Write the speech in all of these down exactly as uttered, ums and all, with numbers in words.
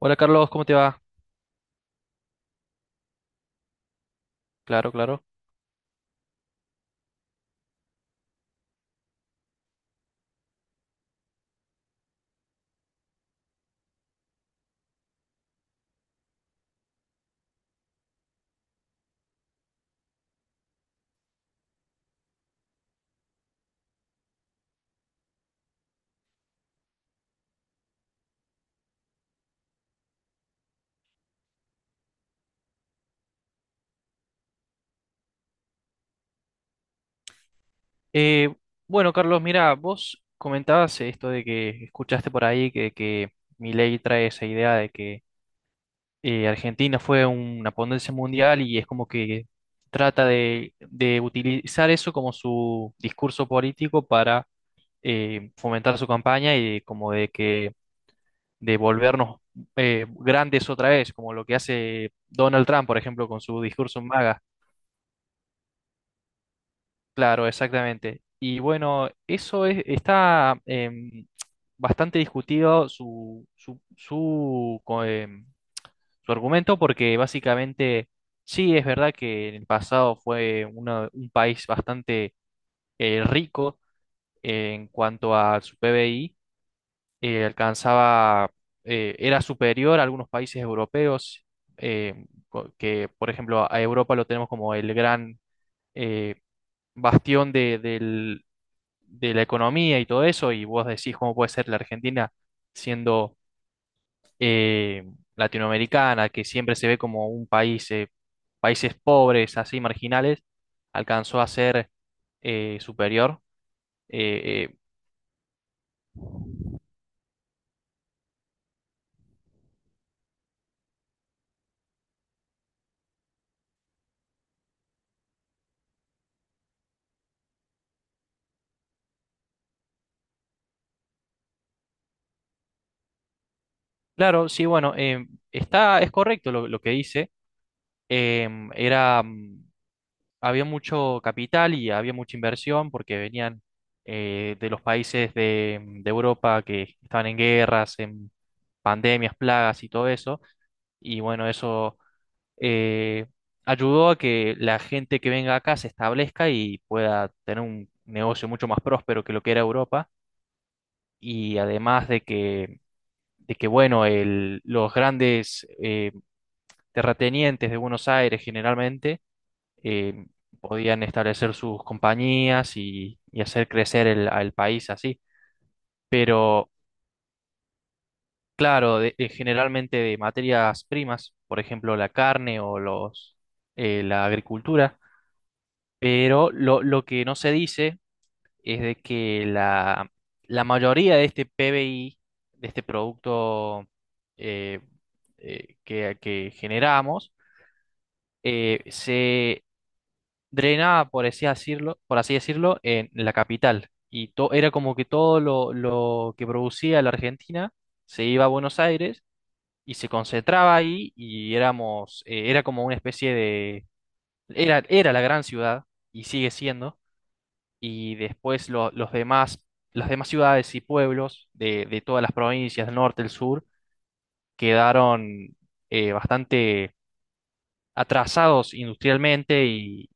Hola Carlos, ¿cómo te va? Claro, claro. Eh, bueno, Carlos, mira, vos comentabas esto de que escuchaste por ahí que, que Milei trae esa idea de que eh, Argentina fue una potencia mundial y es como que trata de, de utilizar eso como su discurso político para eh, fomentar su campaña y como de que de volvernos eh, grandes otra vez, como lo que hace Donald Trump, por ejemplo, con su discurso MAGA. Claro, exactamente. Y bueno, eso es, está em, bastante discutido su, su, su, co- em, su argumento, porque básicamente sí es verdad que en el pasado fue uno- un país bastante eh, rico en cuanto a su P B I, eh, alcanzaba, eh, era superior a algunos países europeos. Em, co- que por ejemplo a Europa lo tenemos como el gran... eh, bastión de, de la economía y todo eso, y vos decís cómo puede ser la Argentina siendo eh, latinoamericana, que siempre se ve como un país, eh, países pobres, así marginales, alcanzó a ser eh, superior. Eh, eh, claro, sí, bueno, em, está, es correcto lo, lo que dice. Em, era, mm, Había mucho capital y había mucha inversión porque venían eh, de los países de, de Europa que estaban en guerras, en pandemias, plagas y todo eso. Y bueno, eso eh, ayudó a que la gente que venga acá se establezca y pueda tener un negocio mucho más próspero que lo que era Europa. Y además de que, de que bueno, el- los grandes eh, terratenientes de Buenos Aires generalmente eh, podían establecer sus compañías y, y hacer crecer el, al país así. Pero claro, de- de- generalmente de materias primas, por ejemplo, la carne o los, eh, la agricultura. Pero lo, lo que no se dice es de que la, la mayoría de este P B I, de este producto eh, eh, que, que generamos, eh, se drenaba, por así decirlo, por así decirlo, en la capital. Y to- era como que todo lo, lo que producía la Argentina se iba a Buenos Aires y se concentraba ahí, y éramos, eh, era como una especie de, era, era la gran ciudad, y sigue siendo. Y después lo- los demás, las demás ciudades y pueblos de, de todas las provincias del norte, el sur, quedaron eh, bastante atrasados industrialmente y.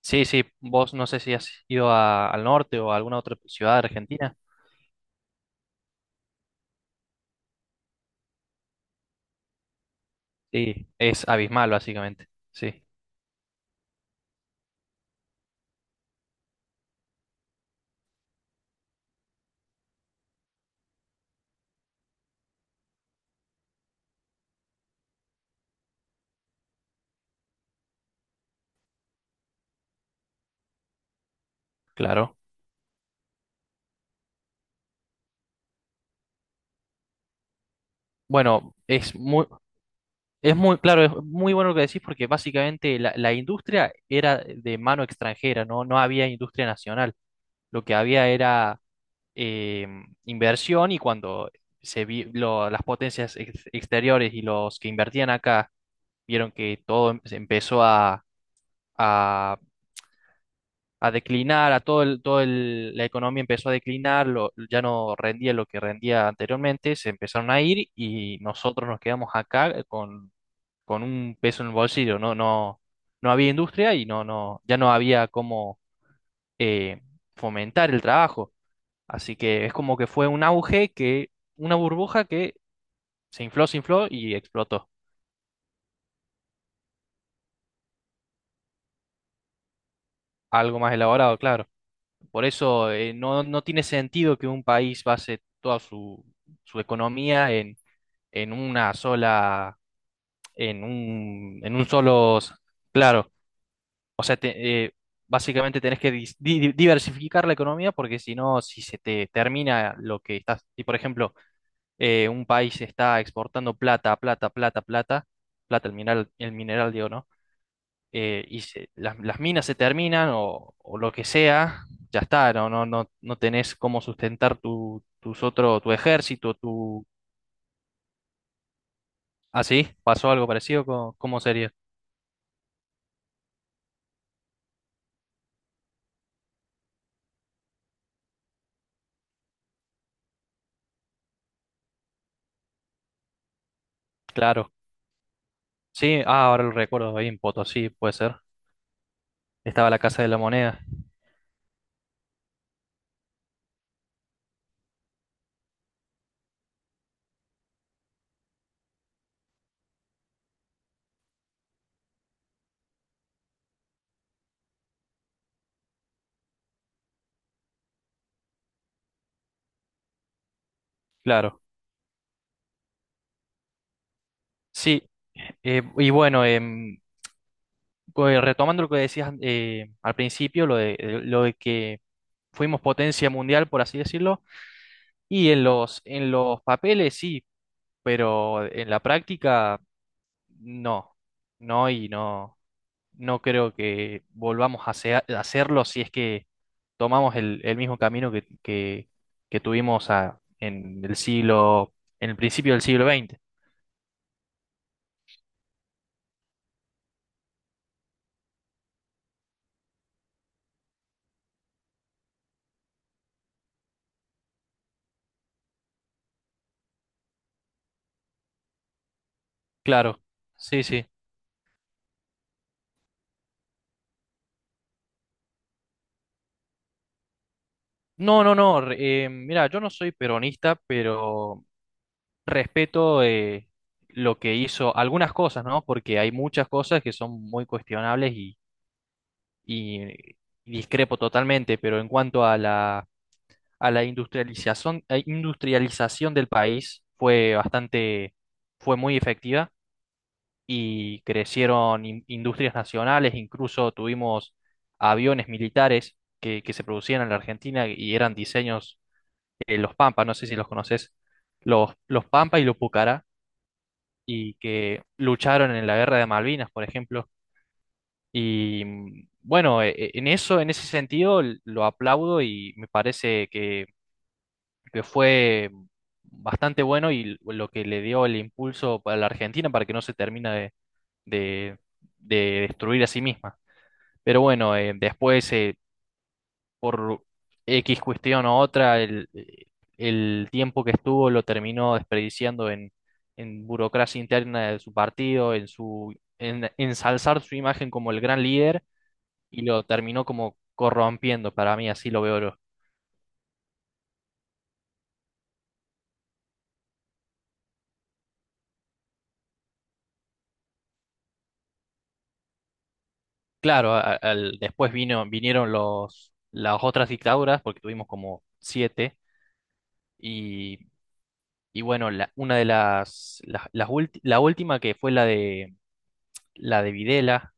Sí, sí, vos no sé si has ido a- al norte o a alguna otra ciudad de Argentina. Sí, es abismal básicamente, sí, claro. Bueno, es muy... Es muy, claro, es muy bueno lo que decís, porque básicamente la, la industria era de mano extranjera, ¿no? No había industria nacional. Lo que había era eh, inversión, y cuando se vi- lo- las potencias ex- exteriores y los que invertían acá vieron que todo em- se empezó a, a- a declinar, a todo el, todo el- la economía empezó a declinar, lo- ya no rendía lo que rendía anteriormente, se empezaron a ir y nosotros nos quedamos acá con, con un peso en el bolsillo. No, no, no había industria, y no, no, ya no había cómo eh, fomentar el trabajo. Así que es como que fue un auge que, una burbuja que se infló, se infló y explotó. Algo más elaborado, claro. Por eso eh, no, no tiene sentido que un país base toda su, su economía en, en una sola, en un, en un solo, claro. O sea, te- eh, básicamente tenés que dis- di- diversificar la economía, porque si no, si se te termina lo que estás, y por ejemplo, eh, un país está exportando plata, plata, plata, plata, plata, el mineral, el mineral, digo, ¿no? Eh, y se- las, las minas se terminan o, o lo que sea, ya está, no, no, no, no tenés cómo sustentar tu, tus otro, tu ejército, tu... Así. ¿Pasó algo parecido? ¿Cómo, cómo sería? Claro. Sí, ah, ahora lo recuerdo, ahí en Potosí, puede ser. Estaba la Casa de la Moneda. Claro. Sí. Eh, y bueno, em, pues, retomando lo que decías eh, al principio, lo de, eh, lo de que fuimos potencia mundial, por así decirlo, y en los, en los papeles sí, pero en la práctica no, no y no, no creo que volvamos a, sea- a hacerlo, si es que tomamos el, el mismo camino que, que, que tuvimos a- en el siglo, en el principio del siglo veinte. Claro, sí, sí. No, no, no. Re- eh, mira, yo no soy peronista, pero respeto eh, lo que hizo algunas cosas, ¿no? Porque hay muchas cosas que son muy cuestionables y, y- eh, y discrepo totalmente, pero en cuanto a la, a la industrialización, eh, industrialización del país, fue bastante, fue muy efectiva, y crecieron in- industrias nacionales, incluso tuvimos aviones militares que, que se producían en la Argentina, y eran diseños eh, los Pampa, no sé si los conoces, los, los Pampa y los Pucará, y que lucharon en la guerra de Malvinas, por ejemplo. Y mm, bueno, e- e- en eso, en ese sentido, l- lo aplaudo, y me parece que, que fue bastante bueno, y l- lo que le dio el impulso a la Argentina para que no se termine de, de- de destruir a sí misma. Pero bueno, eh, después eh, por X cuestión o otra, el, el tiempo que estuvo lo terminó desperdiciando en, en burocracia interna de su partido, en su, en ensalzar su imagen como el gran líder, y lo terminó como corrompiendo, para mí así lo veo. yo. Claro, a- al- después vino, vinieron los, las otras dictaduras, porque tuvimos como siete, y, y bueno, la- una de las, las- las ulti- la última que fue la de, la de, Videla,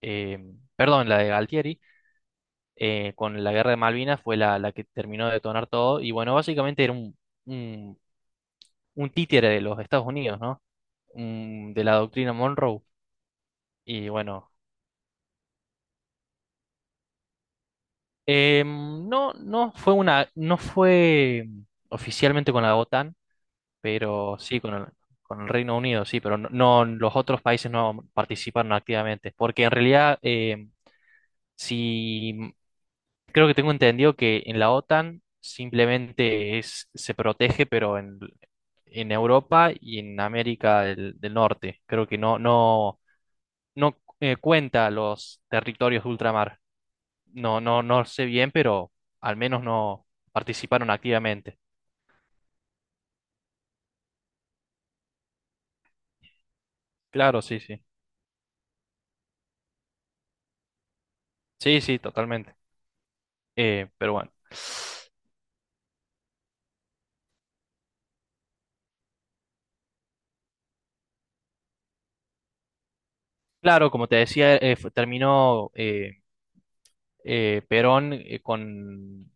eh, perdón, la de Galtieri, eh, con la guerra de Malvinas fue la, la que terminó de detonar todo. Y bueno, básicamente era un, un, un títere de los Estados Unidos, ¿no? Un- de la doctrina Monroe. Y bueno, em, no, no fue una, no fue oficialmente con la OTAN, pero sí con el, con el Reino Unido, sí, pero no, no- los otros países no participaron activamente, porque en realidad, em, si creo que tengo entendido que en la OTAN simplemente es, se protege, pero en, en Europa y en América del, del Norte. Creo que no, no, no eh, cuenta los territorios de ultramar. No, no, no sé bien, pero al menos no participaron activamente. Claro, sí, sí. Sí, sí, totalmente. Eh, pero bueno. Claro, como te decía, eh, fu- terminó. eh, eh, Perón eh, con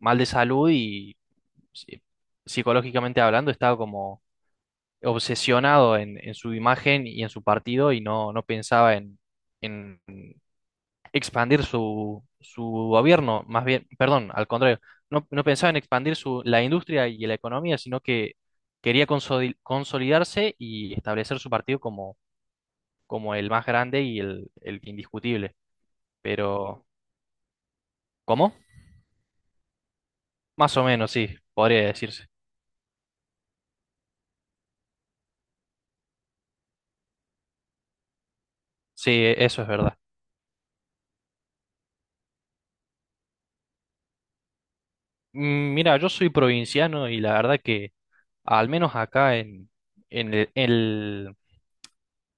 mal de salud y psi- psicológicamente hablando, estaba como obsesionado en, en su imagen y en su partido, y no, no pensaba en, en expandir su, su gobierno, más bien, perdón, al contrario, no, no pensaba en expandir su, la industria y la economía, sino que quería consoli- consolidarse y establecer su partido como, como el más grande y el, el indiscutible. Pero, ¿cómo? Más o menos, sí, podría decirse. Sí, e, eso es verdad. Mm, Mira, yo soy provinciano, y la verdad que, al menos acá en, en el, el-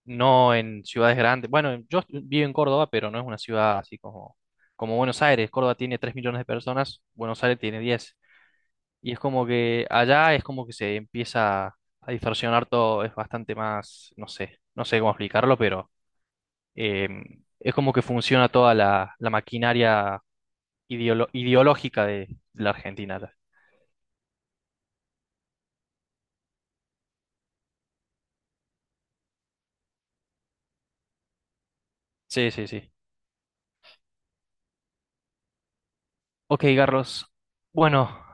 no en ciudades grandes. Bueno, yo vivo en Córdoba, pero no es una ciudad así como, como Buenos Aires. Córdoba tiene tres millones de personas, Buenos Aires tiene diez. Y es como que allá es como que se empieza a distorsionar todo, es bastante más, no sé, no sé cómo explicarlo, pero em, es como que funciona toda la, la maquinaria ideolo- ideológica de la Argentina. Sí, sí, sí. Ok, Carlos. Bueno,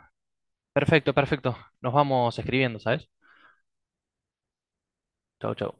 perfecto, perfecto. Nos vamos escribiendo, ¿sabes? Chau, chau.